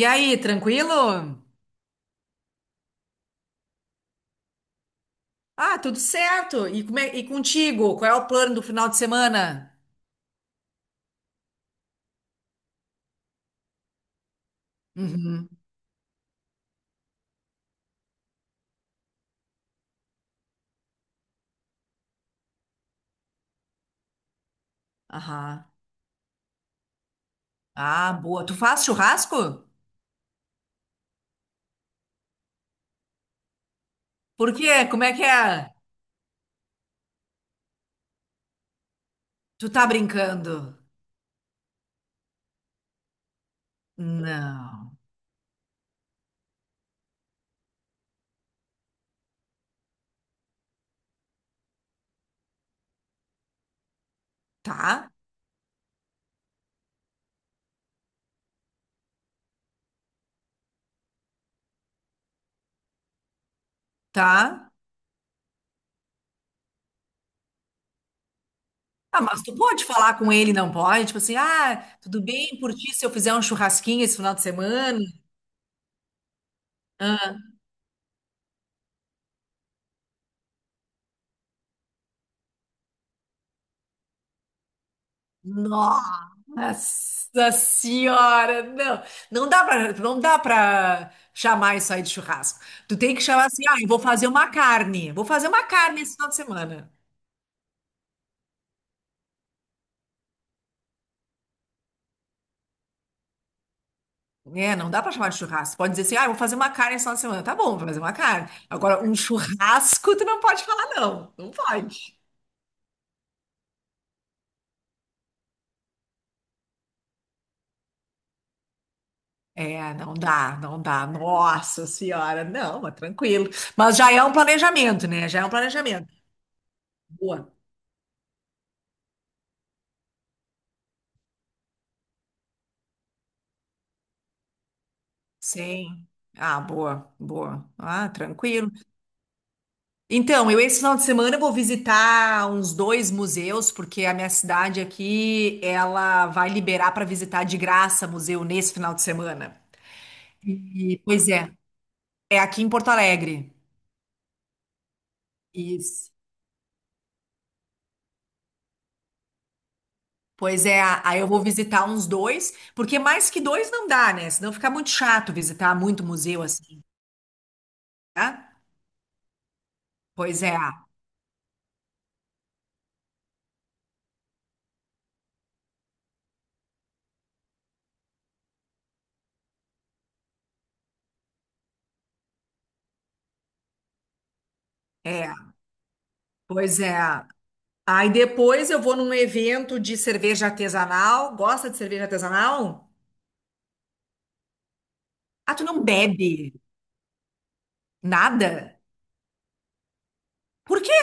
E aí, tranquilo? Ah, tudo certo. E contigo? Qual é o plano do final de semana? Uhum. Aham. Ah, boa. Tu faz churrasco? Por quê? Como é que é? Tu tá brincando? Não. Tá? Tá? Ah, mas tu pode falar com ele, não pode? Tipo assim, ah, tudo bem por ti se eu fizer um churrasquinho esse final de semana? Nossa senhora, não, não dá para chamar isso aí de churrasco. Tu tem que chamar assim, ah, eu vou fazer uma carne, vou fazer uma carne esse final de semana. É, não dá para chamar de churrasco. Pode dizer assim, ah, eu vou fazer uma carne esse final de semana. Tá bom, vou fazer uma carne. Agora, um churrasco, tu não pode falar não, não pode. É, não dá, não dá. Nossa senhora, não, mas tranquilo. Mas já é um planejamento, né? Já é um planejamento. Boa. Sim. Ah, boa, boa. Ah, tranquilo. Então, eu esse final de semana vou visitar uns dois museus, porque a minha cidade aqui, ela vai liberar para visitar de graça museu nesse final de semana. E, pois é, é aqui em Porto Alegre. Isso. Pois é, aí eu vou visitar uns dois, porque mais que dois não dá, né? Senão fica muito chato visitar muito museu assim, tá? Pois é, é, pois é. Aí depois eu vou num evento de cerveja artesanal. Gosta de cerveja artesanal? Ah, tu não bebe nada? Por quê?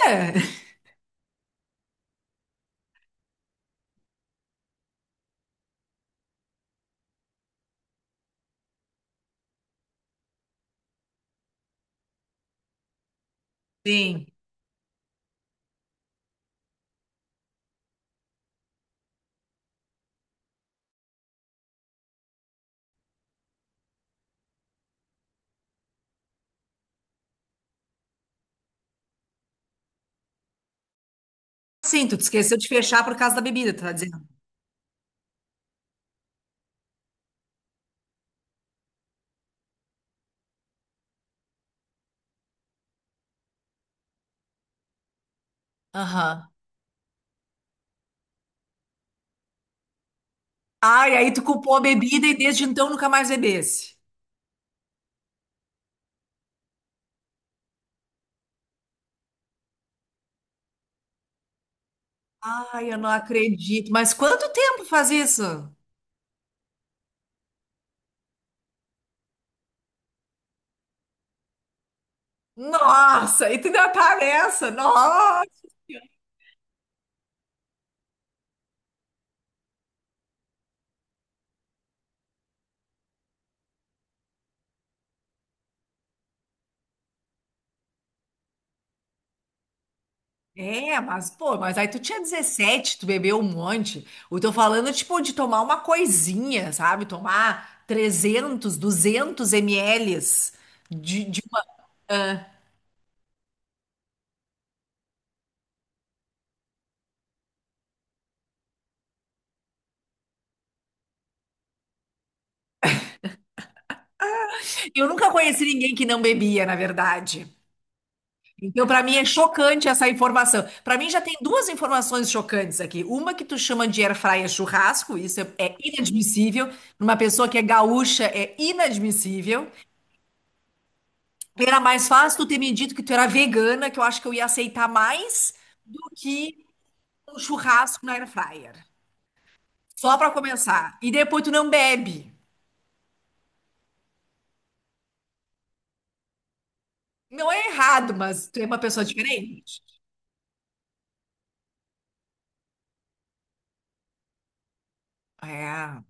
Sim. Sim, tu te esqueceu de fechar por causa da bebida, tu tá dizendo. Aham. Ai, aí tu culpou a bebida e desde então nunca mais bebesse. Ai, eu não acredito. Mas quanto tempo faz isso? Nossa, e tu ainda tá nessa? Nossa! É, mas, pô, mas aí tu tinha 17, tu bebeu um monte. Eu tô falando, tipo, de tomar uma coisinha, sabe? Tomar 300, 200 ml de uma... ah. Eu nunca conheci ninguém que não bebia, na verdade. Então, pra mim, é chocante essa informação. Pra mim, já tem duas informações chocantes aqui. Uma que tu chama de air fryer churrasco, isso é inadmissível. Numa pessoa que é gaúcha, é inadmissível. Era mais fácil tu ter me dito que tu era vegana, que eu acho que eu ia aceitar mais do que um churrasco na air fryer. Só pra começar. E depois tu não bebe. Não é errado, mas tu é uma pessoa diferente. É.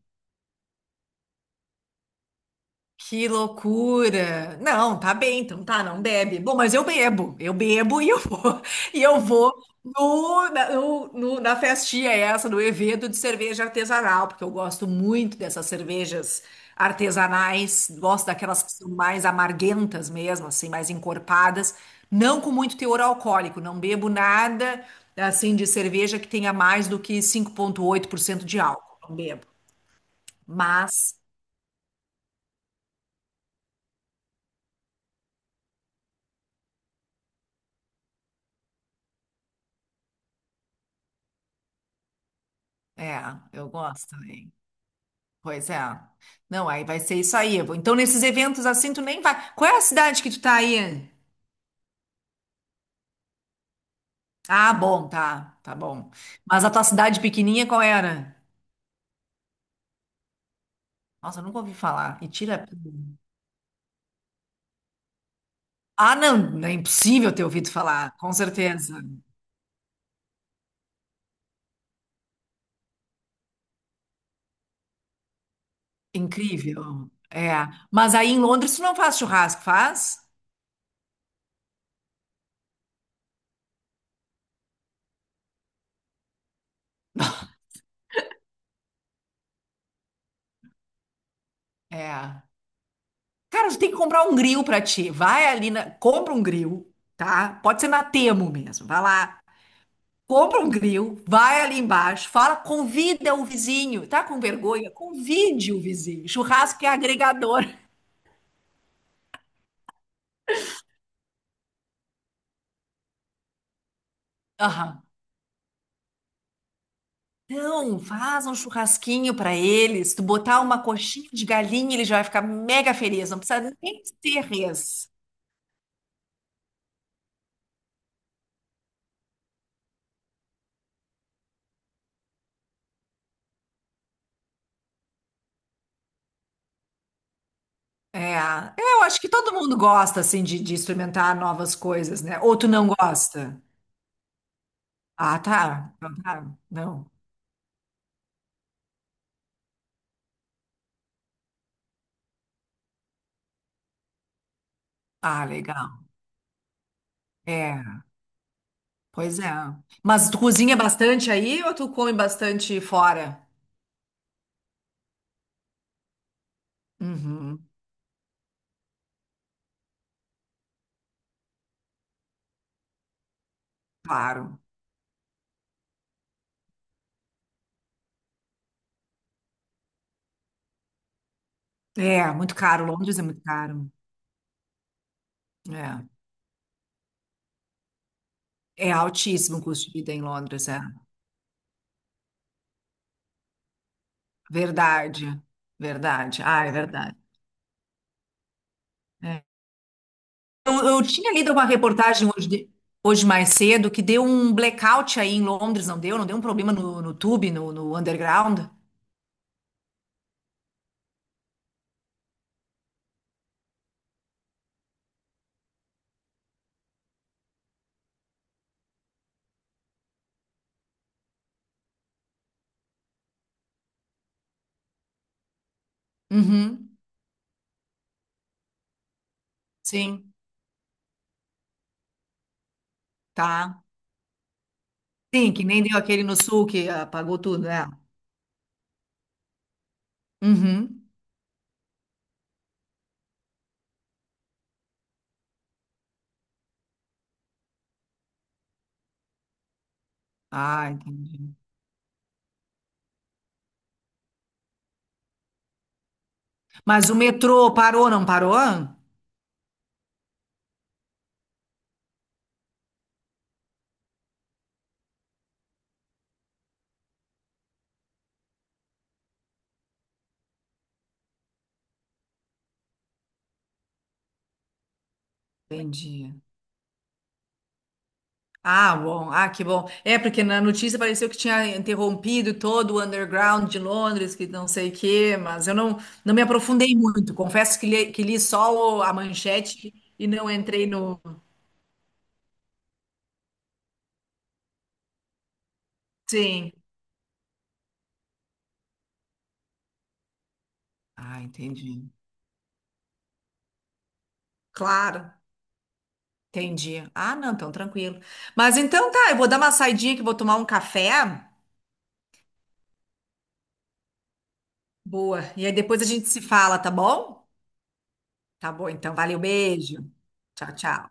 Que loucura! Não, tá bem, então tá, não bebe. Bom, mas eu bebo e eu vou, e eu vou na festinha essa, no evento de cerveja artesanal, porque eu gosto muito dessas cervejas artesanais, gosto daquelas que são mais amarguentas mesmo, assim, mais encorpadas, não com muito teor alcoólico, não bebo nada, assim, de cerveja que tenha mais do que 5,8% de álcool, não bebo. Mas, é, eu gosto também. Pois é. Não, aí vai ser isso aí. Então, nesses eventos assim, tu nem vai. Qual é a cidade que tu tá aí? Ah, bom, tá, tá bom. Mas a tua cidade pequenininha, qual era? Nossa, eu nunca ouvi falar. E tira. Ah, não, não é impossível ter ouvido falar, com certeza. Incrível. É. Mas aí em Londres tu não faz churrasco, faz? É. Cara, tu tem que comprar um grill pra ti. Vai ali na... compra um grill, tá? Pode ser na Temo mesmo. Vai lá, compra um grill, vai ali embaixo, fala, convida o vizinho. Tá com vergonha? Convide o vizinho. Churrasco é agregador. Aham. Então, faz um churrasquinho pra eles. Tu botar uma coxinha de galinha, ele já vai ficar mega feliz. Não precisa nem ser res. É, é, eu acho que todo mundo gosta, assim, de experimentar novas coisas, né? Ou tu não gosta? Ah, tá. Então tá. Não. Ah, legal. É. Pois é. Mas tu cozinha bastante aí ou tu come bastante fora? Uhum, claro. É, muito caro. Londres é muito caro. É. É altíssimo o custo de vida em Londres, é. Verdade. Verdade. Ah, é verdade. É. Eu tinha lido uma reportagem hoje, hoje mais cedo que deu um blackout aí em Londres, não deu? Não deu um problema no tube, no underground? Uhum, sim, tá. Sim, que nem deu aquele no sul que apagou tudo, né? Uhum. Ah, entendi. Mas o metrô parou, não parou? Entendi. Ah, bom. Ah, que bom. É, porque na notícia pareceu que tinha interrompido todo o underground de Londres, que não sei o quê, mas eu não me aprofundei muito. Confesso que li só a manchete e não entrei no. Sim. Ah, entendi. Claro, entendi. Ah, não, então tranquilo. Mas então tá, eu vou dar uma saidinha que eu vou tomar um café. Boa. E aí depois a gente se fala, tá bom? Tá bom, então. Valeu, beijo. Tchau, tchau.